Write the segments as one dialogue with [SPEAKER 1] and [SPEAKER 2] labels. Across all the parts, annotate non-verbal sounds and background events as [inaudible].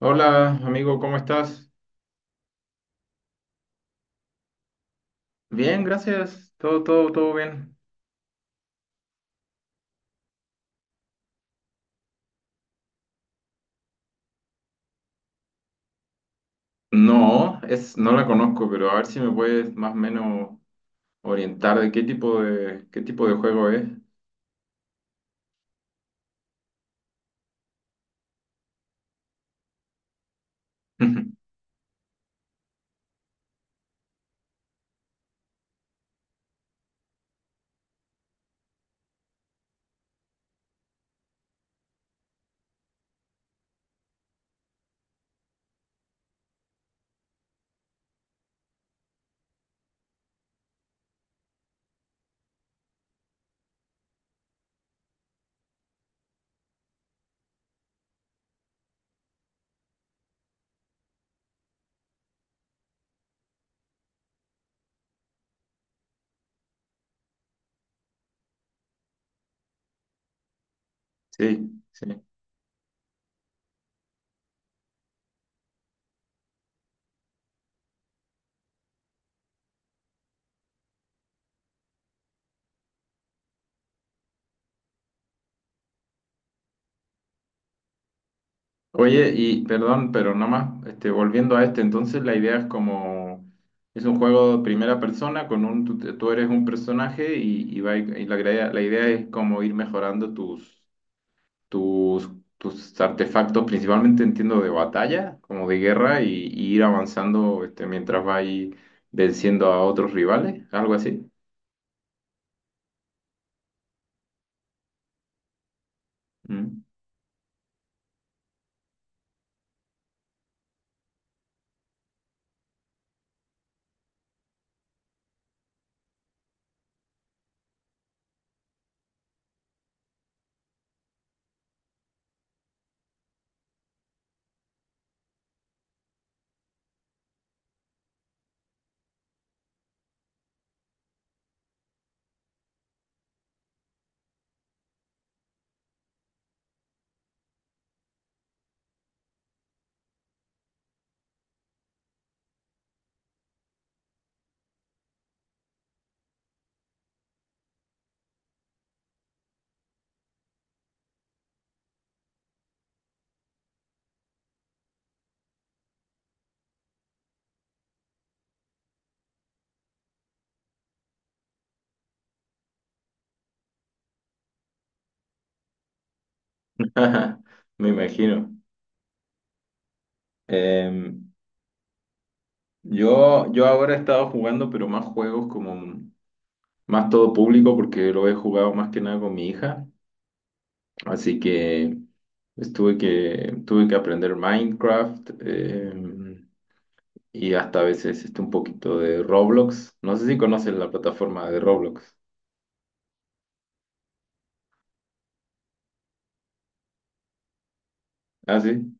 [SPEAKER 1] Hola, amigo, ¿cómo estás? Bien, gracias. Todo bien. No, es, no la conozco, pero a ver si me puedes más o menos orientar de qué tipo de juego es. [laughs] Sí, sí. Oye, y perdón, pero nada más, volviendo a este, entonces la idea es como, es un juego de primera persona con un, tú eres un personaje y la idea es como ir mejorando tus, tus artefactos, principalmente entiendo de batalla, como de guerra, y ir avanzando este, mientras va ahí venciendo a otros rivales, algo así. Mm. [laughs] Me imagino. Eh, yo ahora he estado jugando, pero más juegos como más todo público, porque lo he jugado más que nada con mi hija, así que pues, tuve que aprender Minecraft. Y hasta a veces este, un poquito de Roblox. No sé si conoces la plataforma de Roblox. Ah, sí.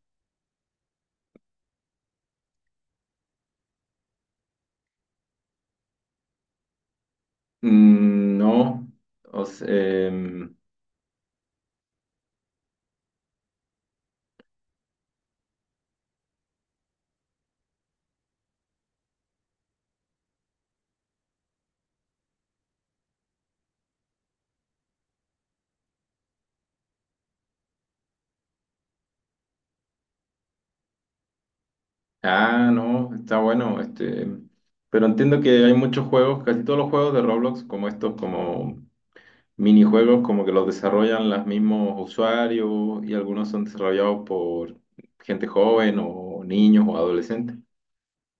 [SPEAKER 1] Mm, no. O se- em, ah, no, está bueno. Este, pero entiendo que hay muchos juegos, casi todos los juegos de Roblox, como estos, como minijuegos, como que los desarrollan los mismos usuarios y algunos son desarrollados por gente joven o niños o adolescentes.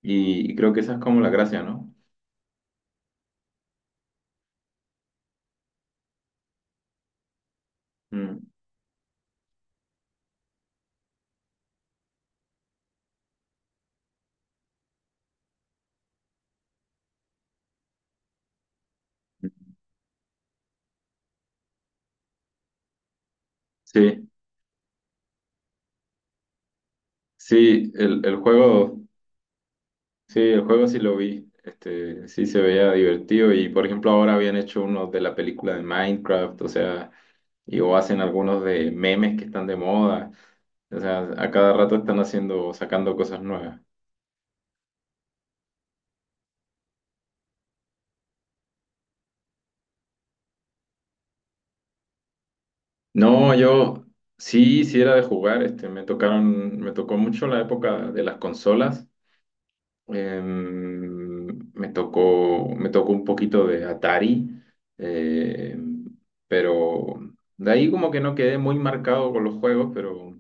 [SPEAKER 1] Y creo que esa es como la gracia, ¿no? Mm. Sí, sí, el juego. Sí, el juego sí lo vi. Este, sí se veía divertido y por ejemplo ahora habían hecho unos de la película de Minecraft, o sea, y o hacen algunos de memes que están de moda. O sea, a cada rato están haciendo, sacando cosas nuevas. No, yo sí, sí era de jugar, este, me tocó mucho la época de las consolas. Em, me tocó un poquito de Atari, eh, pero de ahí como que no quedé muy marcado con los juegos, pero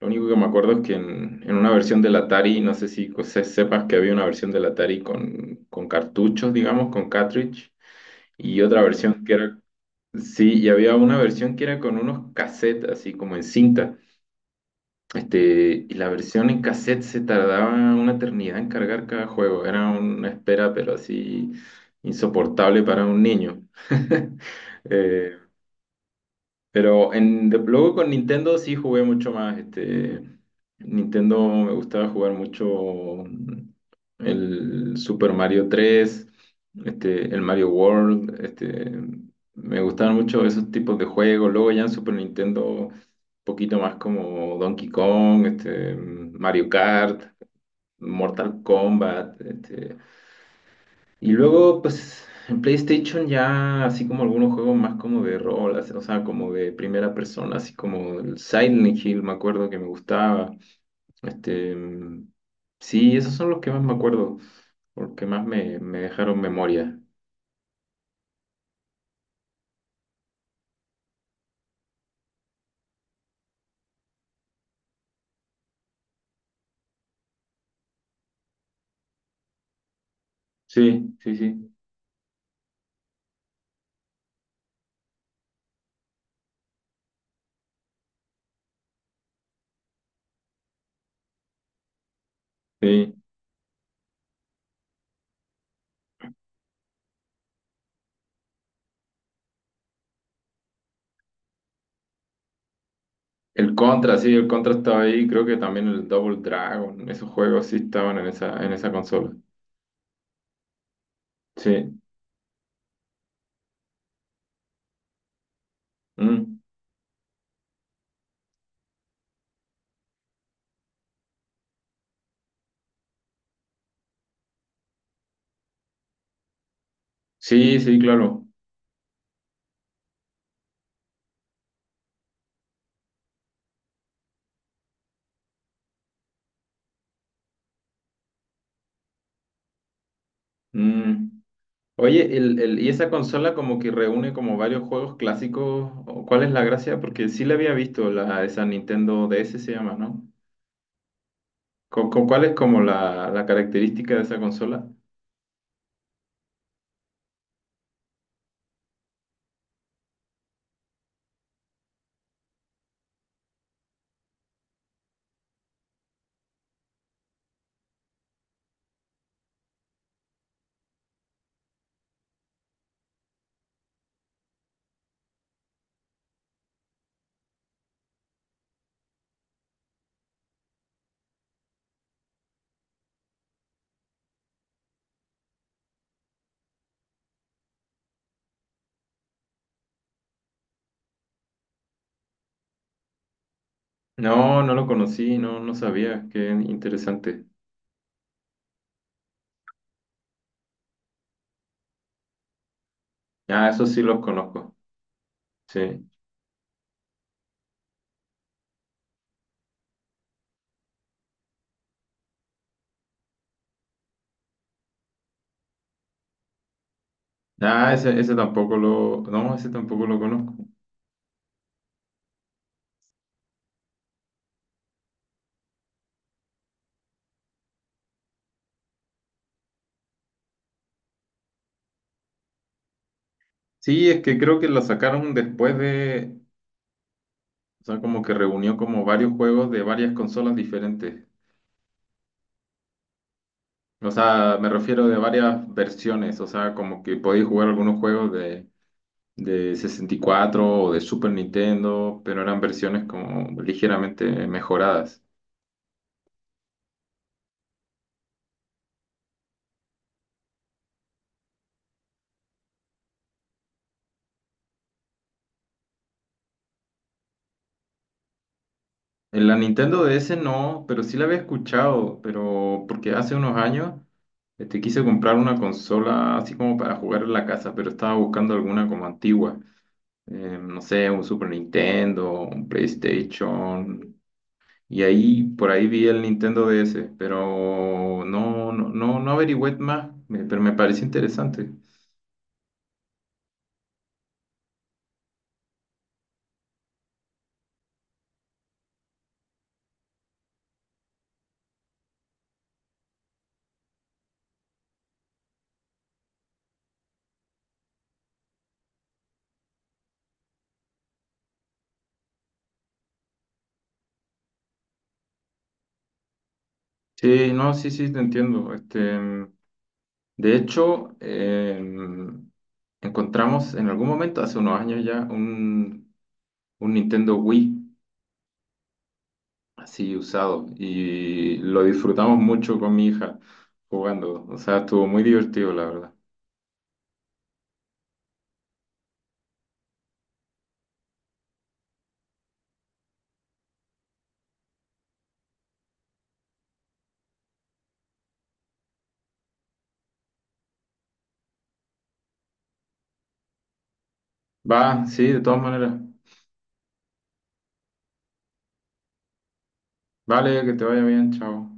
[SPEAKER 1] lo único que me acuerdo es que en una versión del Atari, no sé si sepas que había una versión del Atari con cartuchos, digamos, con cartridge, y otra versión que era, sí, y había una versión que era con unos cassettes, así como en cinta. Este, y la versión en cassette se tardaba una eternidad en cargar cada juego. Era una espera, pero así insoportable para un niño. [laughs] Eh, pero luego con Nintendo sí jugué mucho más. Este, Nintendo me gustaba jugar mucho mm, el Super Mario 3 este, el Mario World. Este, me gustaban mucho esos tipos de juegos. Luego ya en Super Nintendo, un poquito más como Donkey Kong, este, Mario Kart, Mortal Kombat. Este, y luego, pues, en PlayStation ya así como algunos juegos más como de rol, así, o sea, como de primera persona, así como el Silent Hill, me acuerdo que me gustaba. Este, mm, sí, esos son los que más me acuerdo, porque más me dejaron memoria. Sí, sí, sí, sí. El Contra, sí, el Contra estaba ahí, creo que también el Double Dragon, esos juegos sí estaban en esa consola. Sí, mm. Sí, sí, claro. Mm. Oye, y esa consola como que reúne como varios juegos clásicos. ¿O ¿cuál es la gracia? Porque sí la había visto, la, esa Nintendo DS se llama, ¿no? Con cuál es como la característica de esa consola? No, no lo conocí, no, no sabía. Qué interesante. Ah, eso sí los conozco. Sí. Ah, ese tampoco lo. No, ese tampoco lo conozco. Sí, es que creo que la sacaron después de. O sea, como que reunió como varios juegos de varias consolas diferentes. O sea, me refiero de varias versiones, o sea, como que podéis jugar algunos juegos de 64 o de Super Nintendo, pero eran versiones como ligeramente mejoradas. En la Nintendo DS no, pero sí la había escuchado, pero porque hace unos años este, quise comprar una consola así como para jugar en la casa, pero estaba buscando alguna como antigua. No sé, un Super Nintendo, un PlayStation. Y ahí, por ahí vi el Nintendo DS, pero no, no averigüé más, me- pero me pareció interesante. Sí, no, sí, sí, te entiendo. Este, de hecho, em, encontramos en algún momento, hace unos años ya, un Nintendo Wii así usado y lo disfrutamos mucho con mi hija jugando. O sea, estuvo muy divertido, la verdad. Va, sí, de todas maneras. Vale, que te vaya bien, chao.